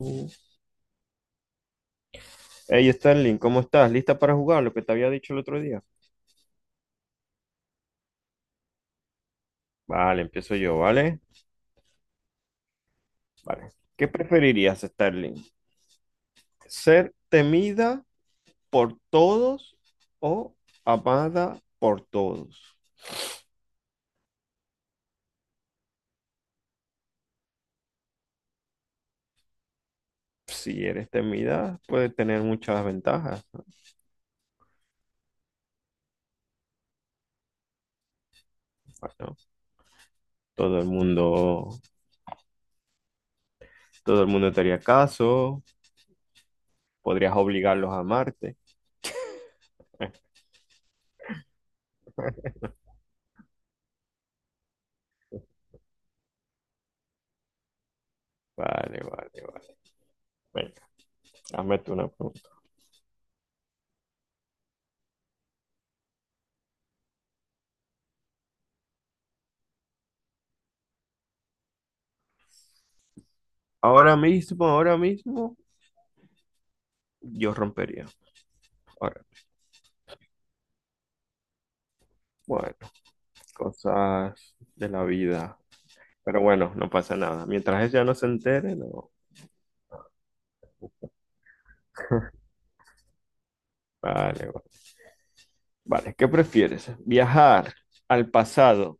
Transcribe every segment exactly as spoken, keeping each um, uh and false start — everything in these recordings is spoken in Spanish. Mm. Hey Sterling, ¿cómo estás? ¿Lista para jugar lo que te había dicho el otro día? Vale, empiezo yo, ¿vale? Vale. ¿Qué preferirías, Sterling? ¿Ser temida por todos o amada por todos? Si eres temida, puede tener muchas ventajas. Bueno, todo el mundo, todo el mundo te haría caso, podrías obligarlos a amarte. Vale, vale, vale. Venga, hazme tú una pregunta. Ahora mismo, ahora mismo, yo rompería. Ahora. Bueno, cosas de la vida. Pero bueno, no pasa nada. Mientras ella no se entere, no. Vale, vale. Vale, ¿qué prefieres? ¿Viajar al pasado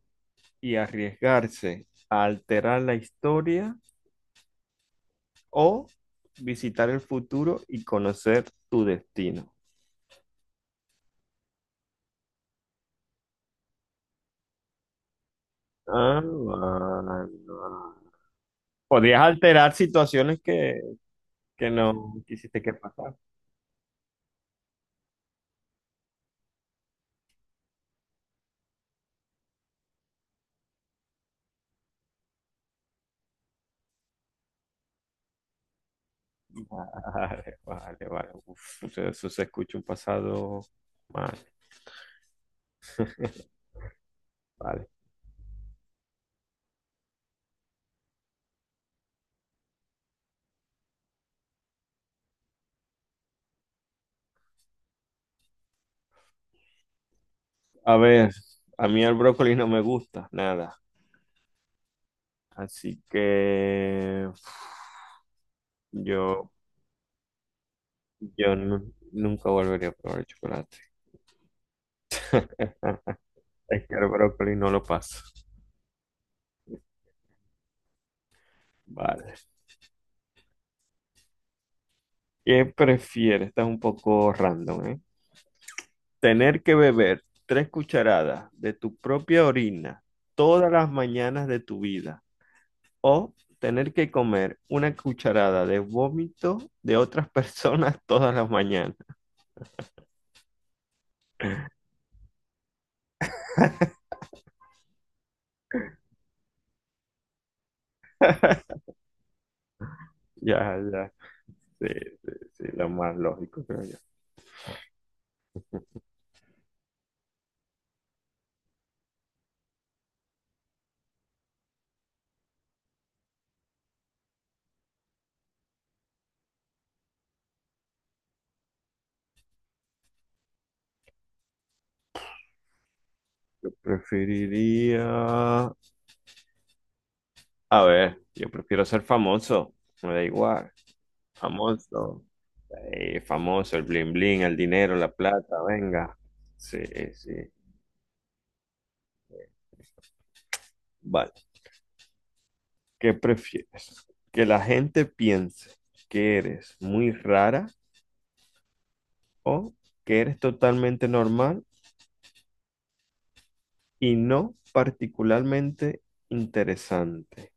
y arriesgarse a alterar la historia o visitar el futuro y conocer tu destino? Ah, bueno. Podrías alterar situaciones que, que no quisiste que pasara. Vale, vale, vale. Uf, eso se escucha un pasado mal. Vale. A ver, a mí el brócoli no me gusta nada, así que uf, yo, yo nu- nunca volvería a probar el chocolate. Es que el brócoli no lo paso. Vale. ¿Qué prefieres? Esta un poco random, ¿eh? Tener que beber tres cucharadas de tu propia orina todas las mañanas de tu vida o tener que comer una cucharada de vómito de otras personas todas las mañanas. Ya, ya. Sí, sí, sí, lo más lógico, creo yo. Yo preferiría... A ver, yo prefiero ser famoso. Me da igual. Famoso. Eh, famoso, el bling bling, el dinero, la plata, venga. Sí, sí. Vale. ¿Qué prefieres? ¿Que la gente piense que eres muy rara o que eres totalmente normal y no particularmente interesante?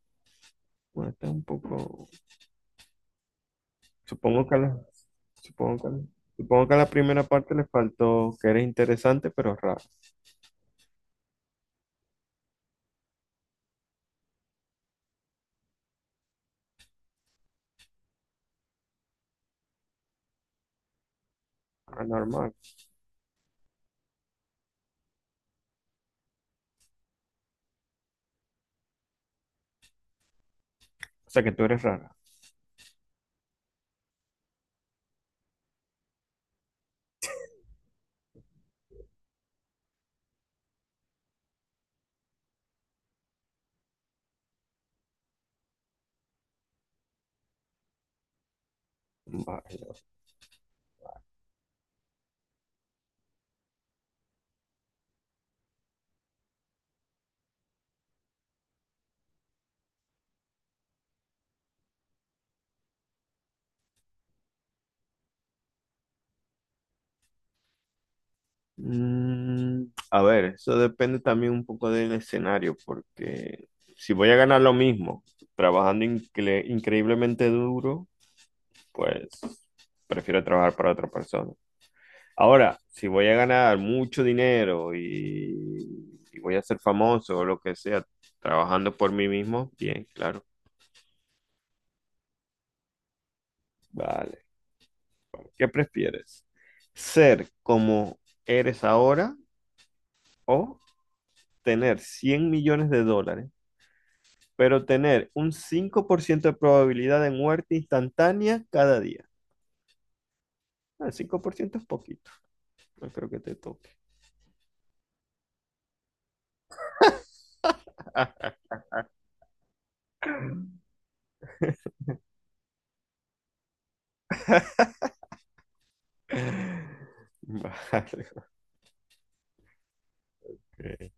Bueno, está un poco. Supongo que a la, supongo que a la- Supongo que a la primera parte le faltó que eres interesante, pero raro. Anormal. O sea que tú eres rara. Vale. Mm, a ver, eso depende también un poco del escenario, porque si voy a ganar lo mismo trabajando incre- increíblemente duro, pues prefiero trabajar para otra persona. Ahora, si voy a ganar mucho dinero y, y voy a ser famoso o lo que sea, trabajando por mí mismo, bien, claro. Vale, vale. ¿Qué prefieres? ¿Ser como eres ahora o tener cien millones de dólares, pero tener un cinco por ciento de probabilidad de muerte instantánea cada día? El cinco por ciento es poquito, no creo que te toque. Vale. Ok.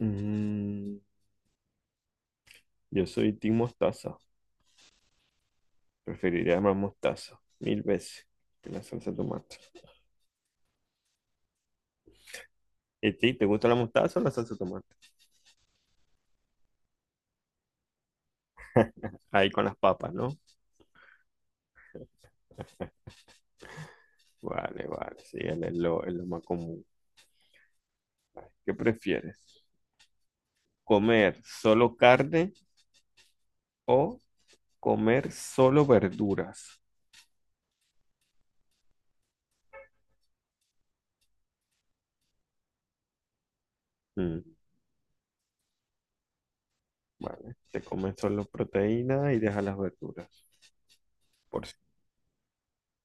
Mm, yo soy Team Mostaza. Preferiría más mostaza, mil veces, que la salsa de tomate. ¿Y ti, te gusta la mostaza o la salsa de tomate? Ahí con las papas, ¿no? Vale, vale, sí, es lo, es lo más común. ¿Qué prefieres? ¿Comer solo carne o comer solo verduras? Mm, vale, te comes solo proteína y dejas las verduras por, si-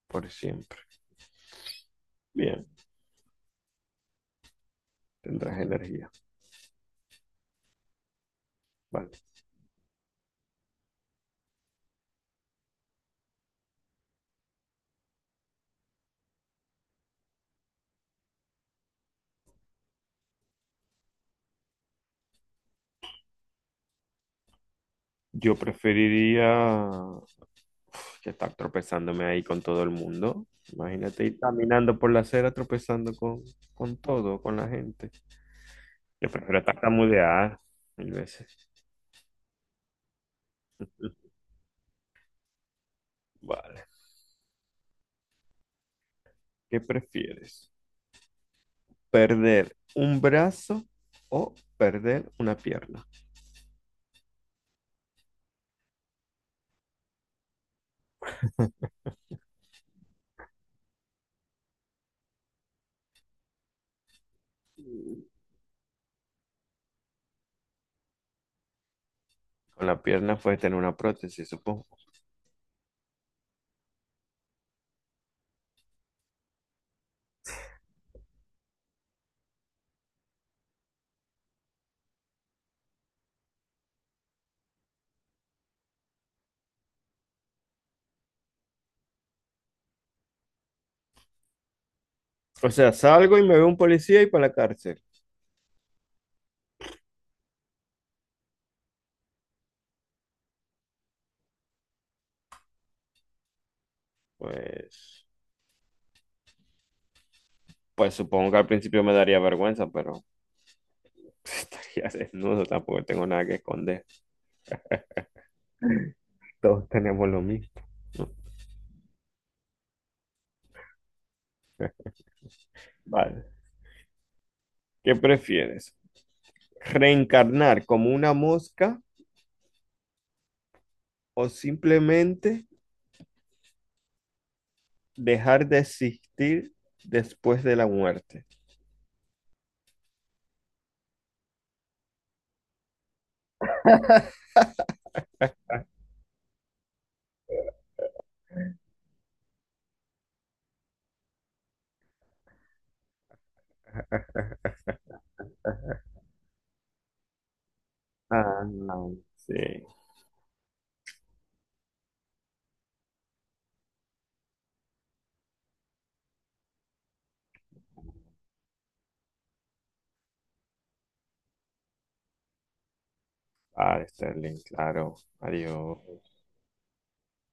por siempre. Bien, tendrás energía. Vale. Yo preferiría que estar tropezándome ahí con todo el mundo. Imagínate ir caminando por la acera tropezando con, con todo, con la gente. Yo prefiero tartamudear mil veces. Vale. ¿Qué prefieres? ¿Perder un brazo o perder una pierna? Con la pierna puedes tener una prótesis, supongo. O sea, salgo y me veo un policía y para la cárcel. Pues, pues supongo que al principio me daría vergüenza, pero estaría desnudo, tampoco tengo nada que esconder. Todos tenemos lo mismo. No. Vale. ¿Qué prefieres? ¿Reencarnar como una mosca o simplemente dejar de existir después de la muerte? Ah, no. Sí. Ah, Sterling, claro. Adiós.